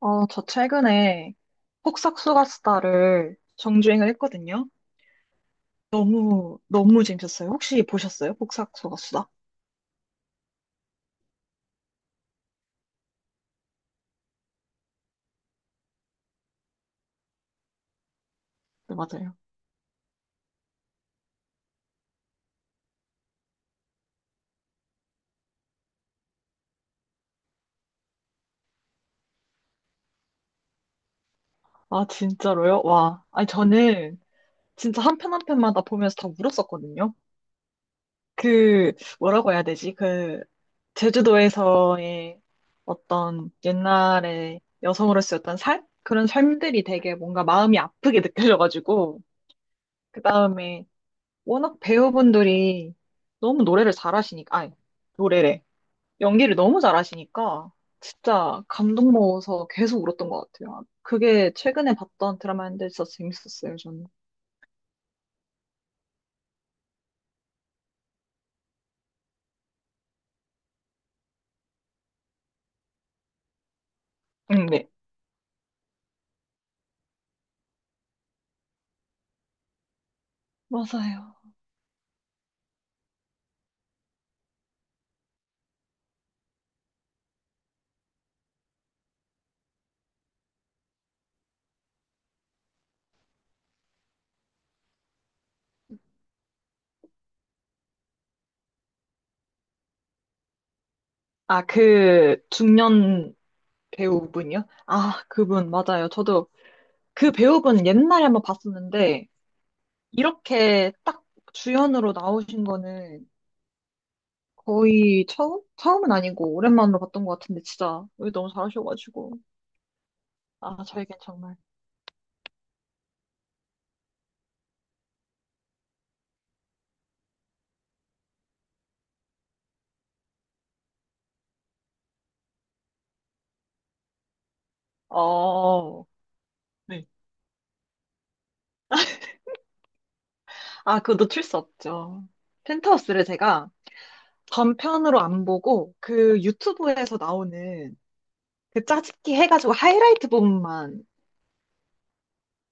저 최근에 폭삭소가수다를 정주행을 했거든요. 너무, 너무 재밌었어요. 혹시 보셨어요? 폭삭소가수다? 네, 맞아요. 아, 진짜로요? 와. 아니, 저는 진짜 한 편 한 편마다 보면서 다 울었었거든요. 그, 뭐라고 해야 되지? 그, 제주도에서의 어떤 옛날에 여성으로서의 어떤 삶? 그런 삶들이 되게 뭔가 마음이 아프게 느껴져가지고, 그 다음에 워낙 배우분들이 너무 노래를 잘하시니까, 아니, 노래래. 연기를 너무 잘하시니까, 진짜 감동 먹어서 계속 울었던 것 같아요. 아, 그게 최근에 봤던 드라마인데 진짜 재밌었어요, 저는. 응, 네. 맞아요. 아, 그 중년 배우분이요? 아, 그분, 맞아요. 저도 그 배우분 옛날에 한번 봤었는데, 이렇게 딱 주연으로 나오신 거는 거의 처음? 처음은 아니고, 오랜만으로 봤던 것 같은데, 진짜, 왜 너무 잘하셔가지고. 아, 저에겐 정말. 어, 네. 아, 그거 놓칠 수 없죠. 펜트하우스를 제가 전편으로 안 보고 그 유튜브에서 나오는 그 짜집기 해가지고 하이라이트 부분만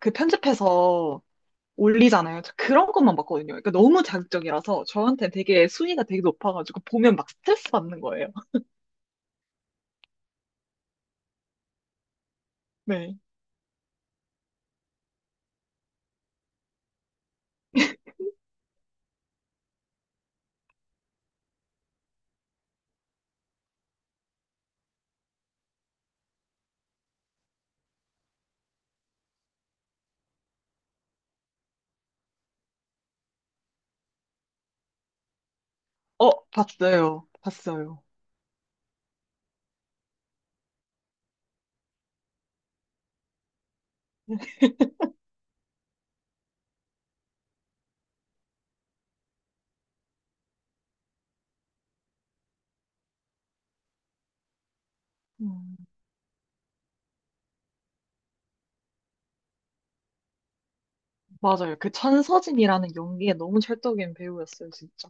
그 편집해서 올리잖아요. 저 그런 것만 봤거든요. 그러니까 너무 자극적이라서 저한테 되게 순위가 되게 높아가지고 보면 막 스트레스 받는 거예요. 네. 봤어요. 봤어요. 음, 맞아요. 그 천서진이라는 연기에 너무 찰떡인 배우였어요, 진짜.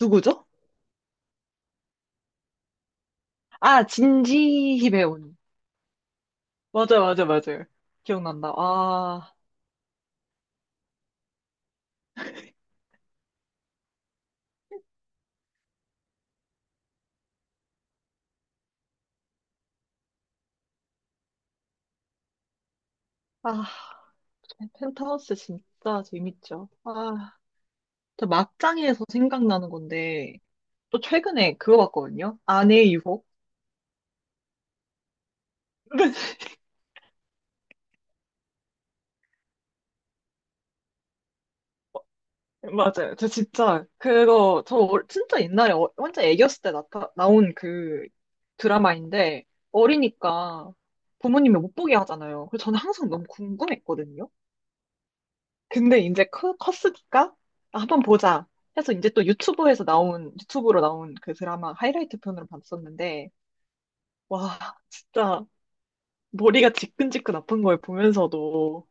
누구죠? 아, 진지 배우님 맞아요, 맞아요, 맞아요. 기억난다. 아, 아, 펜트하우스 진짜 재밌죠. 아, 저 막장에서 생각나는 건데, 또 최근에 그거 봤거든요. 아내의 유혹. 맞아요. 저 진짜 그거 진짜 옛날에 혼자 애기였을 때 나타 나온 그 드라마인데 어리니까 부모님이 못 보게 하잖아요. 그래서 저는 항상 너무 궁금했거든요. 근데 이제 컸으니까 아, 한번 보자 해서 이제 또 유튜브에서 나온 유튜브로 나온 그 드라마 하이라이트 편으로 봤었는데 와 진짜 머리가 지끈지끈 아픈 걸 보면서도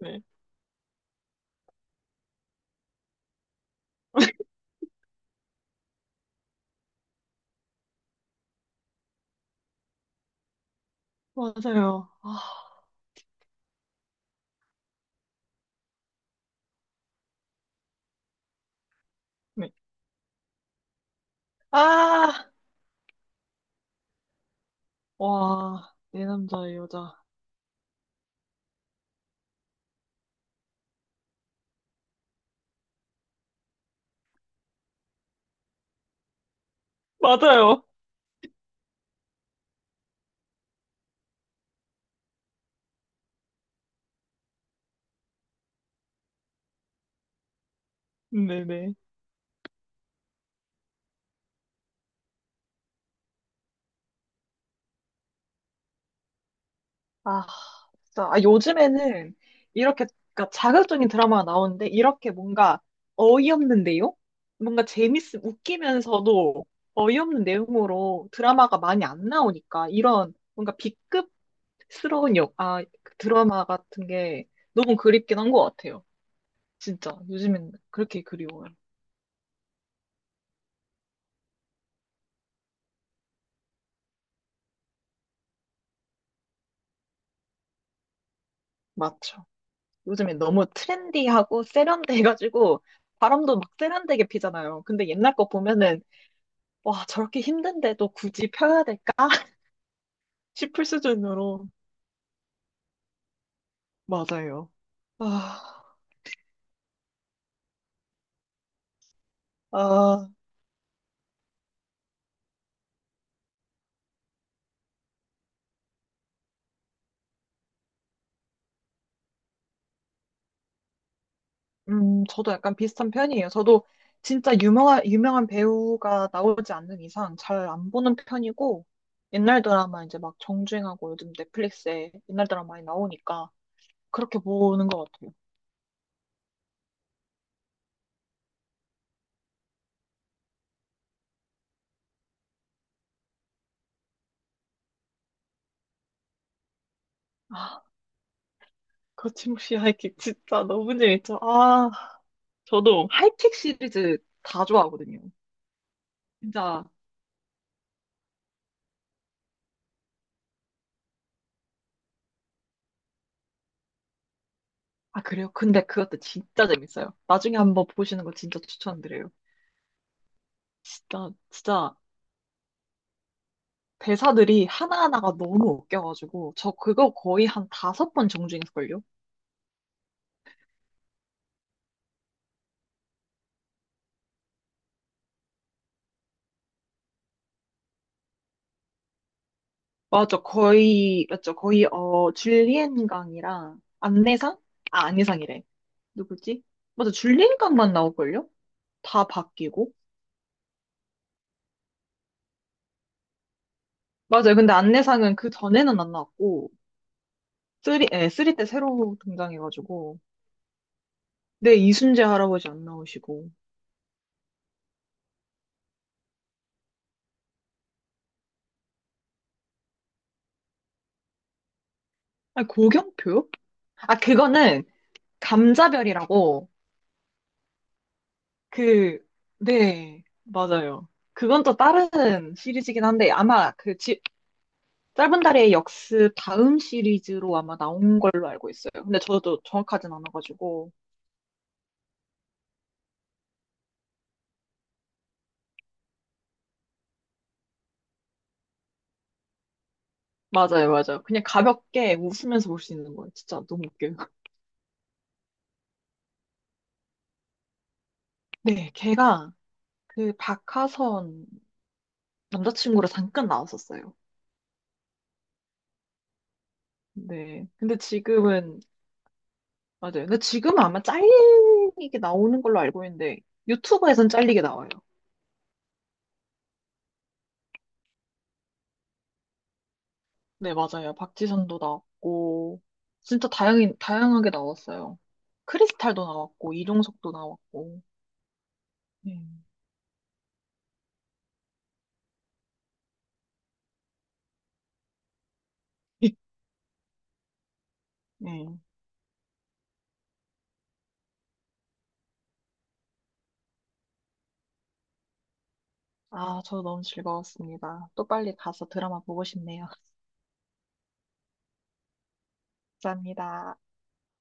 네 맞아요 아, 네. 아, 와, 내 남자 의 여자 맞아요 네네 아, 진짜. 아, 요즘에는 이렇게, 그러니까 자극적인 드라마가 나오는데, 이렇게 뭔가 어이없는 내용? 뭔가 재밌, 웃기면서도 어이없는 내용으로 드라마가 많이 안 나오니까, 이런 뭔가 B급스러운 역, 아, 그 드라마 같은 게 너무 그립긴 한 것 같아요. 진짜. 요즘엔 그렇게 그리워요. 맞죠. 요즘엔 너무 트렌디하고 세련돼가지고, 바람도 막 세련되게 피잖아요. 근데 옛날 거 보면은, 와, 저렇게 힘든데도 굳이 펴야 될까? 싶을 수준으로. 맞아요. 아, 아, 저도 약간 비슷한 편이에요. 저도 진짜 유명한, 유명한 배우가 나오지 않는 이상 잘 안 보는 편이고, 옛날 드라마 이제 막 정주행하고 요즘 넷플릭스에 옛날 드라마 많이 나오니까 그렇게 보는 것 같아요. 아, 거침없이 하이킥 진짜 너무 재밌죠. 아, 저도 하이킥 시리즈 다 좋아하거든요. 진짜 아, 그래요? 근데 그것도 진짜 재밌어요. 나중에 한번 보시는 거 진짜 추천드려요. 진짜, 진짜 대사들이 하나하나가 너무 웃겨가지고, 저 그거 거의 한 5번 정주행했걸요? 맞죠. 거의, 맞죠. 거의, 어, 줄리엔강이랑 안내상? 아, 안내상이래. 누구지? 맞아. 줄리엔강만 나올걸요? 다 바뀌고. 맞아요. 근데 안내상은 그 전에는 안 나왔고, 쓰리, 예, 쓰리 때 새로 등장해가지고. 네, 이순재 할아버지 안 나오시고. 아니, 고경표요? 아, 그거는 감자별이라고, 그, 네, 맞아요. 그건 또 다른 시리즈긴 한데, 아마 그 짧은 달의 역습 다음 시리즈로 아마 나온 걸로 알고 있어요. 근데 저도 정확하진 않아가지고. 맞아요, 맞아요. 그냥 가볍게 웃으면서 볼 수 있는 거예요. 진짜 너무 웃겨요. 네, 걔가 그 박하선 남자친구로 잠깐 나왔었어요. 네. 근데 지금은, 맞아요. 근데 지금은 아마 잘리게 나오는 걸로 알고 있는데, 유튜브에선 잘리게 나와요. 네, 맞아요. 박지선도 나왔고, 진짜 다양하게 나왔어요. 크리스탈도 나왔고, 이종석도 나왔고. 네. 네. 아, 저 너무 즐거웠습니다. 또 빨리 가서 드라마 보고 싶네요. 감사합니다.